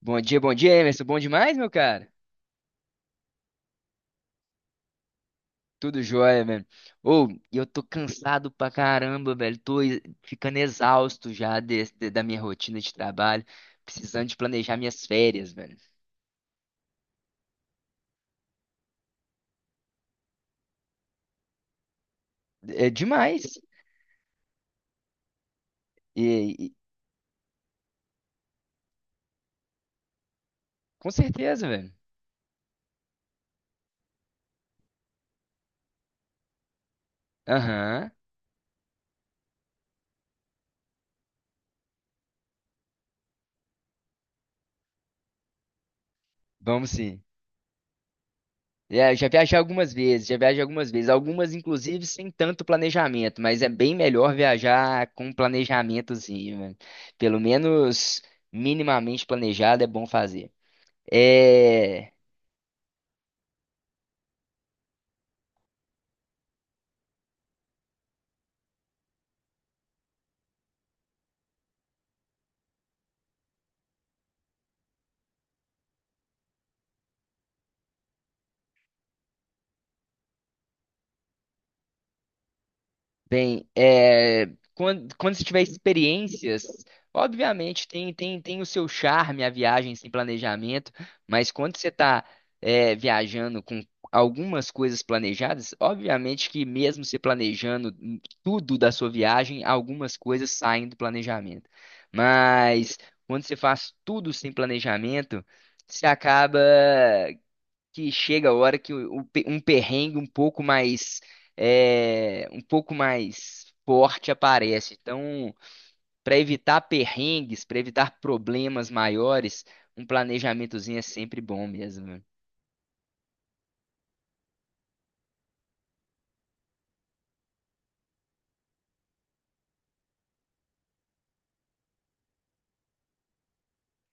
Bom dia, Emerson. Bom demais, meu cara? Tudo jóia, velho. Ô, e eu tô cansado pra caramba, velho. Ficando exausto já da minha rotina de trabalho, precisando de planejar minhas férias, velho. É demais. E, e- com certeza, velho. Aham, vamos sim. É, eu já viajei algumas vezes, algumas inclusive sem tanto planejamento, mas é bem melhor viajar com um planejamentozinho, velho. Pelo menos minimamente planejado é bom fazer. É, bem, é, quando se tiver experiências, obviamente tem o seu charme a viagem sem planejamento, mas quando você está viajando com algumas coisas planejadas, obviamente que mesmo se planejando tudo da sua viagem, algumas coisas saem do planejamento. Mas quando você faz tudo sem planejamento, você acaba que chega a hora que um perrengue um pouco mais, um pouco mais forte aparece. Então, para evitar perrengues, para evitar problemas maiores, um planejamentozinho é sempre bom mesmo, né?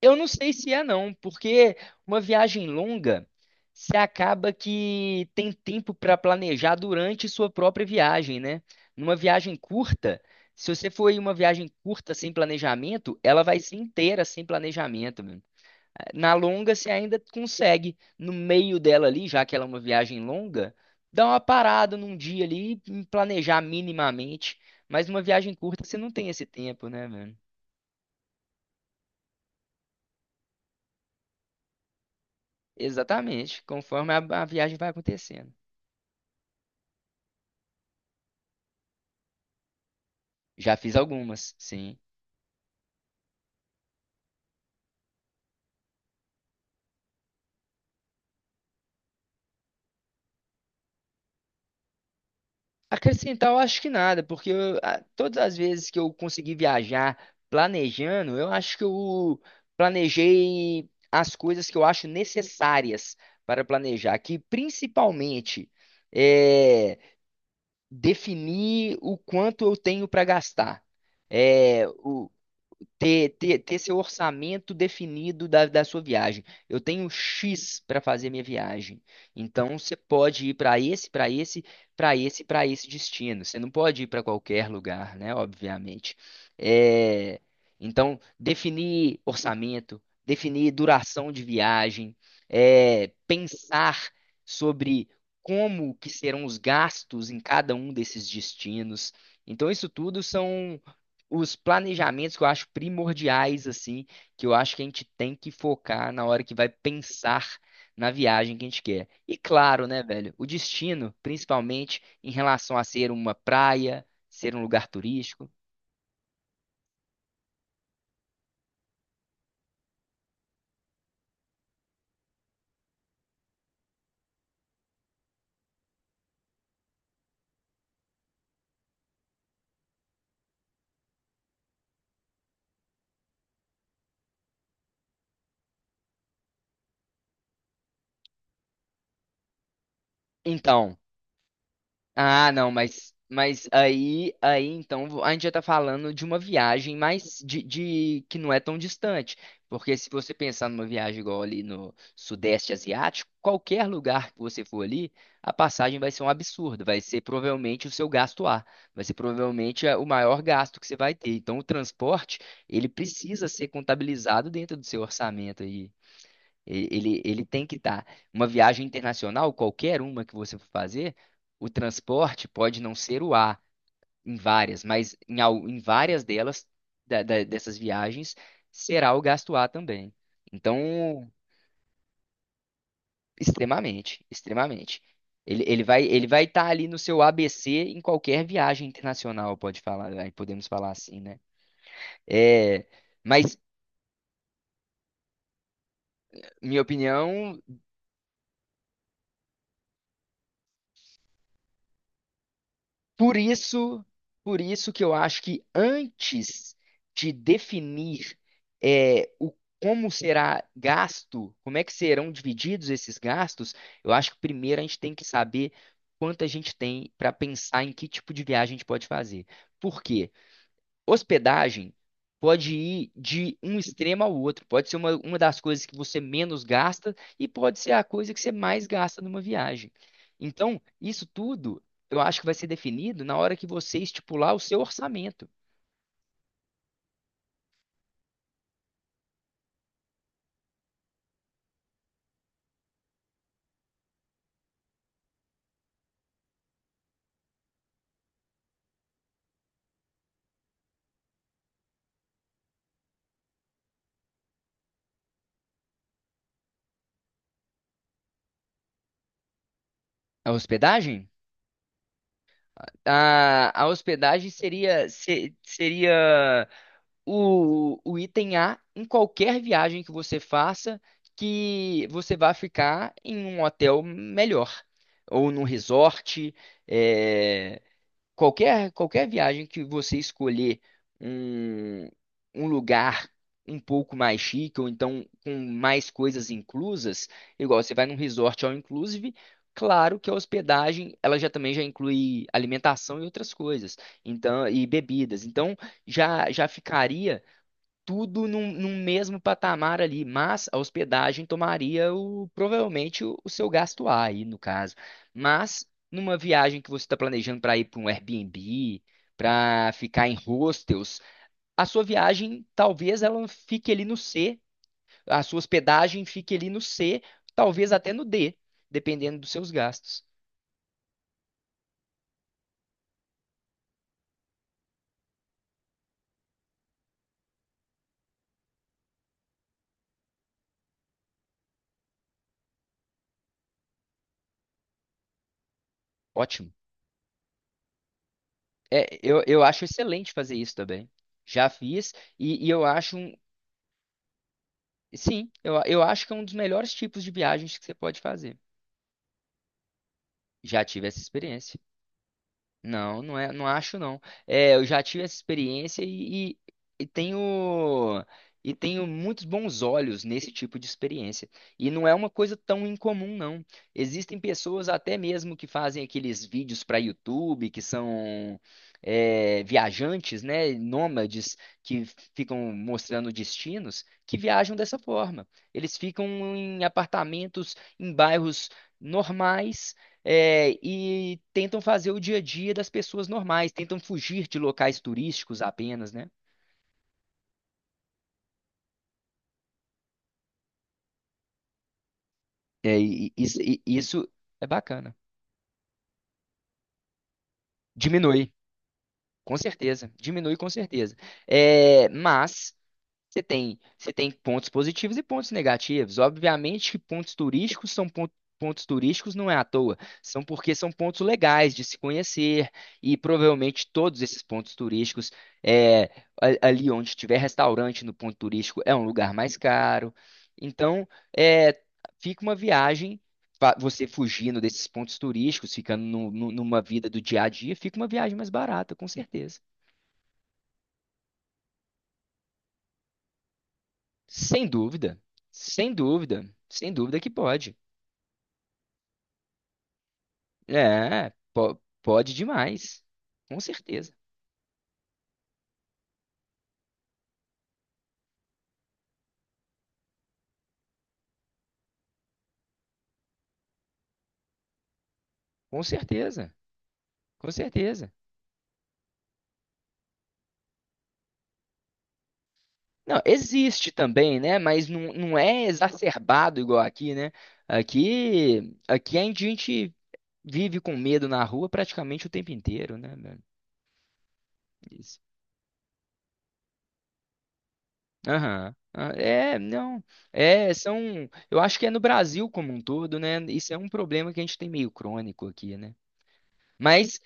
Eu não sei se é não, porque uma viagem longa, você acaba que tem tempo para planejar durante sua própria viagem, né? Numa viagem curta, se você for em uma viagem curta sem planejamento, ela vai ser inteira sem planejamento. Na longa, você ainda consegue, no meio dela ali, já que ela é uma viagem longa, dar uma parada num dia ali e planejar minimamente. Mas numa viagem curta, você não tem esse tempo, né, mano? Exatamente, conforme a viagem vai acontecendo. Já fiz algumas, sim. Acrescentar, eu acho que nada, porque todas as vezes que eu consegui viajar planejando, eu acho que eu planejei as coisas que eu acho necessárias para planejar, que principalmente é definir o quanto eu tenho para gastar. É, o, ter seu orçamento definido da sua viagem. Eu tenho um X para fazer minha viagem. Então você pode ir para esse destino. Você não pode ir para qualquer lugar, né? Obviamente. É. Então, definir orçamento, definir duração de viagem, é, pensar sobre como que serão os gastos em cada um desses destinos. Então, isso tudo são os planejamentos que eu acho primordiais, assim, que eu acho que a gente tem que focar na hora que vai pensar na viagem que a gente quer. E claro, né, velho, o destino, principalmente em relação a ser uma praia, ser um lugar turístico. Então, ah, não, mas aí então a gente já tá falando de uma viagem mais que não é tão distante. Porque se você pensar numa viagem igual ali no Sudeste Asiático, qualquer lugar que você for ali, a passagem vai ser um absurdo. Vai ser provavelmente o seu gasto A. Vai ser provavelmente o maior gasto que você vai ter. Então o transporte, ele precisa ser contabilizado dentro do seu orçamento, ele tem que estar. Uma viagem internacional, qualquer uma que você for fazer, o transporte pode não ser o A em várias, mas em, em várias delas, dessas viagens, será o gasto A também. Então, extremamente, extremamente. Ele vai estar ali no seu ABC em qualquer viagem internacional, pode falar, aí podemos falar assim, né? É, mas minha opinião, por isso, por isso que eu acho que antes de definir é, o como será gasto, como é que serão divididos esses gastos, eu acho que primeiro a gente tem que saber quanto a gente tem para pensar em que tipo de viagem a gente pode fazer. Por quê? Hospedagem pode ir de um extremo ao outro. Pode ser uma das coisas que você menos gasta e pode ser a coisa que você mais gasta numa viagem. Então, isso tudo eu acho que vai ser definido na hora que você estipular o seu orçamento. A hospedagem? A hospedagem seria, se- seria o item A em qualquer viagem que você faça, que você vá ficar em um hotel melhor, ou num resort. É, qualquer viagem que você escolher um, um lugar um pouco mais chique, ou então com mais coisas inclusas, igual você vai num resort all inclusive. Claro que a hospedagem, ela já também já inclui alimentação e outras coisas, então e bebidas. Então, já ficaria tudo num, num mesmo patamar ali, mas a hospedagem tomaria provavelmente o seu gasto A aí, no caso. Mas numa viagem que você está planejando para ir para um Airbnb, para ficar em hostels, a sua viagem talvez ela fique ali no C, a sua hospedagem fique ali no C, talvez até no D, dependendo dos seus gastos. Ótimo. Eu acho excelente fazer isso também. Já fiz e, eu acho um... Sim, eu acho que é um dos melhores tipos de viagens que você pode fazer. Já tive essa experiência. Não, não é, não acho não. É, eu já tive essa experiência e, e tenho, e tenho muitos bons olhos nesse tipo de experiência. E não é uma coisa tão incomum, não. Existem pessoas até mesmo que fazem aqueles vídeos para YouTube, que são, é, viajantes, né, nômades que ficam mostrando destinos, que viajam dessa forma. Eles ficam em apartamentos, em bairros normais, é, e tentam fazer o dia a dia das pessoas normais, tentam fugir de locais turísticos apenas, né? Isso é bacana. Diminui, com certeza. Diminui com certeza. É, mas você tem, você tem pontos positivos e pontos negativos. Obviamente que pontos turísticos não é à toa, são porque são pontos legais de se conhecer, e provavelmente todos esses pontos turísticos é, ali onde tiver restaurante no ponto turístico é um lugar mais caro. Então, é, fica uma viagem, você fugindo desses pontos turísticos, ficando numa vida do dia a dia, fica uma viagem mais barata, com certeza. Sem dúvida, sem dúvida, sem dúvida que pode. Pode demais. Com certeza, com certeza, com certeza. Não, existe também, né? Mas não, não é exacerbado igual aqui, né? Aqui a gente vive com medo na rua praticamente o tempo inteiro, né, velho? Isso. Aham. Ah, é, não. É, são. Eu acho que é no Brasil como um todo, né? Isso é um problema que a gente tem meio crônico aqui, né? Mas...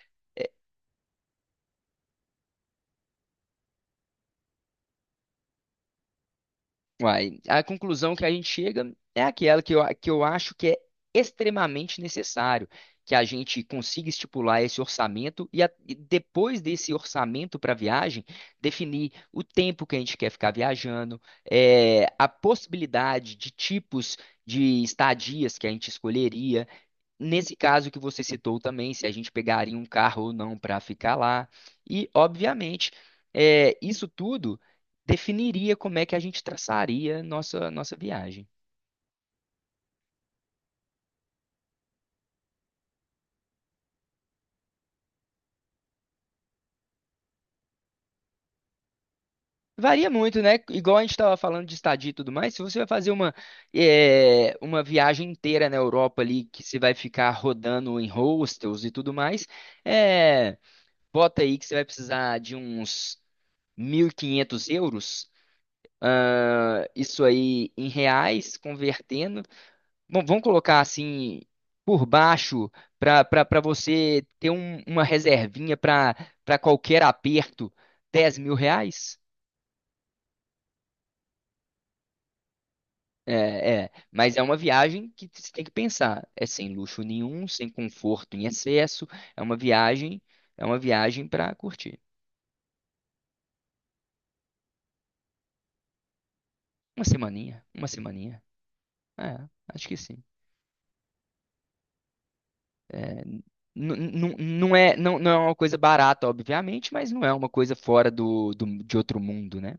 Uai, a conclusão que a gente chega é aquela que que eu acho que é extremamente necessário que a gente consiga estipular esse orçamento e, e depois desse orçamento para a viagem, definir o tempo que a gente quer ficar viajando, eh, a possibilidade de tipos de estadias que a gente escolheria. Nesse caso que você citou também, se a gente pegaria um carro ou não para ficar lá. E, obviamente, é, isso tudo definiria como é que a gente traçaria nossa viagem. Varia muito, né? Igual a gente estava falando de estadia e tudo mais, se você vai fazer uma viagem inteira na Europa ali, que você vai ficar rodando em hostels e tudo mais, é, bota aí que você vai precisar de uns 1.500 euros, ah, isso aí em reais, convertendo. Bom, vamos colocar assim por baixo para, para você ter uma reservinha para, para qualquer aperto, 10.000 reais? É, é, mas é uma viagem que você tem que pensar. É sem luxo nenhum, sem conforto em excesso. É uma viagem, é uma viagem para curtir. Uma semaninha, uma semaninha. É, acho que sim. É. Não é, não é uma coisa barata, obviamente, mas não é uma coisa fora de outro mundo, né?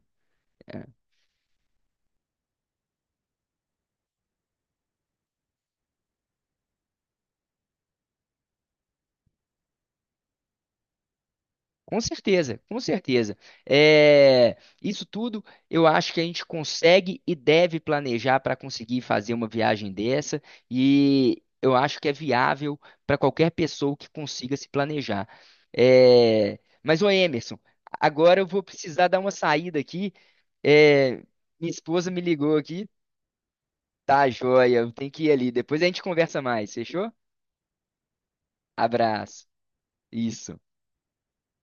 É, com certeza, com certeza. É, isso tudo eu acho que a gente consegue e deve planejar para conseguir fazer uma viagem dessa, e eu acho que é viável para qualquer pessoa que consiga se planejar. É, mas, ô Emerson, agora eu vou precisar dar uma saída aqui. É, minha esposa me ligou aqui. Tá joia, eu tenho que ir ali. Depois a gente conversa mais, fechou? Abraço. Isso.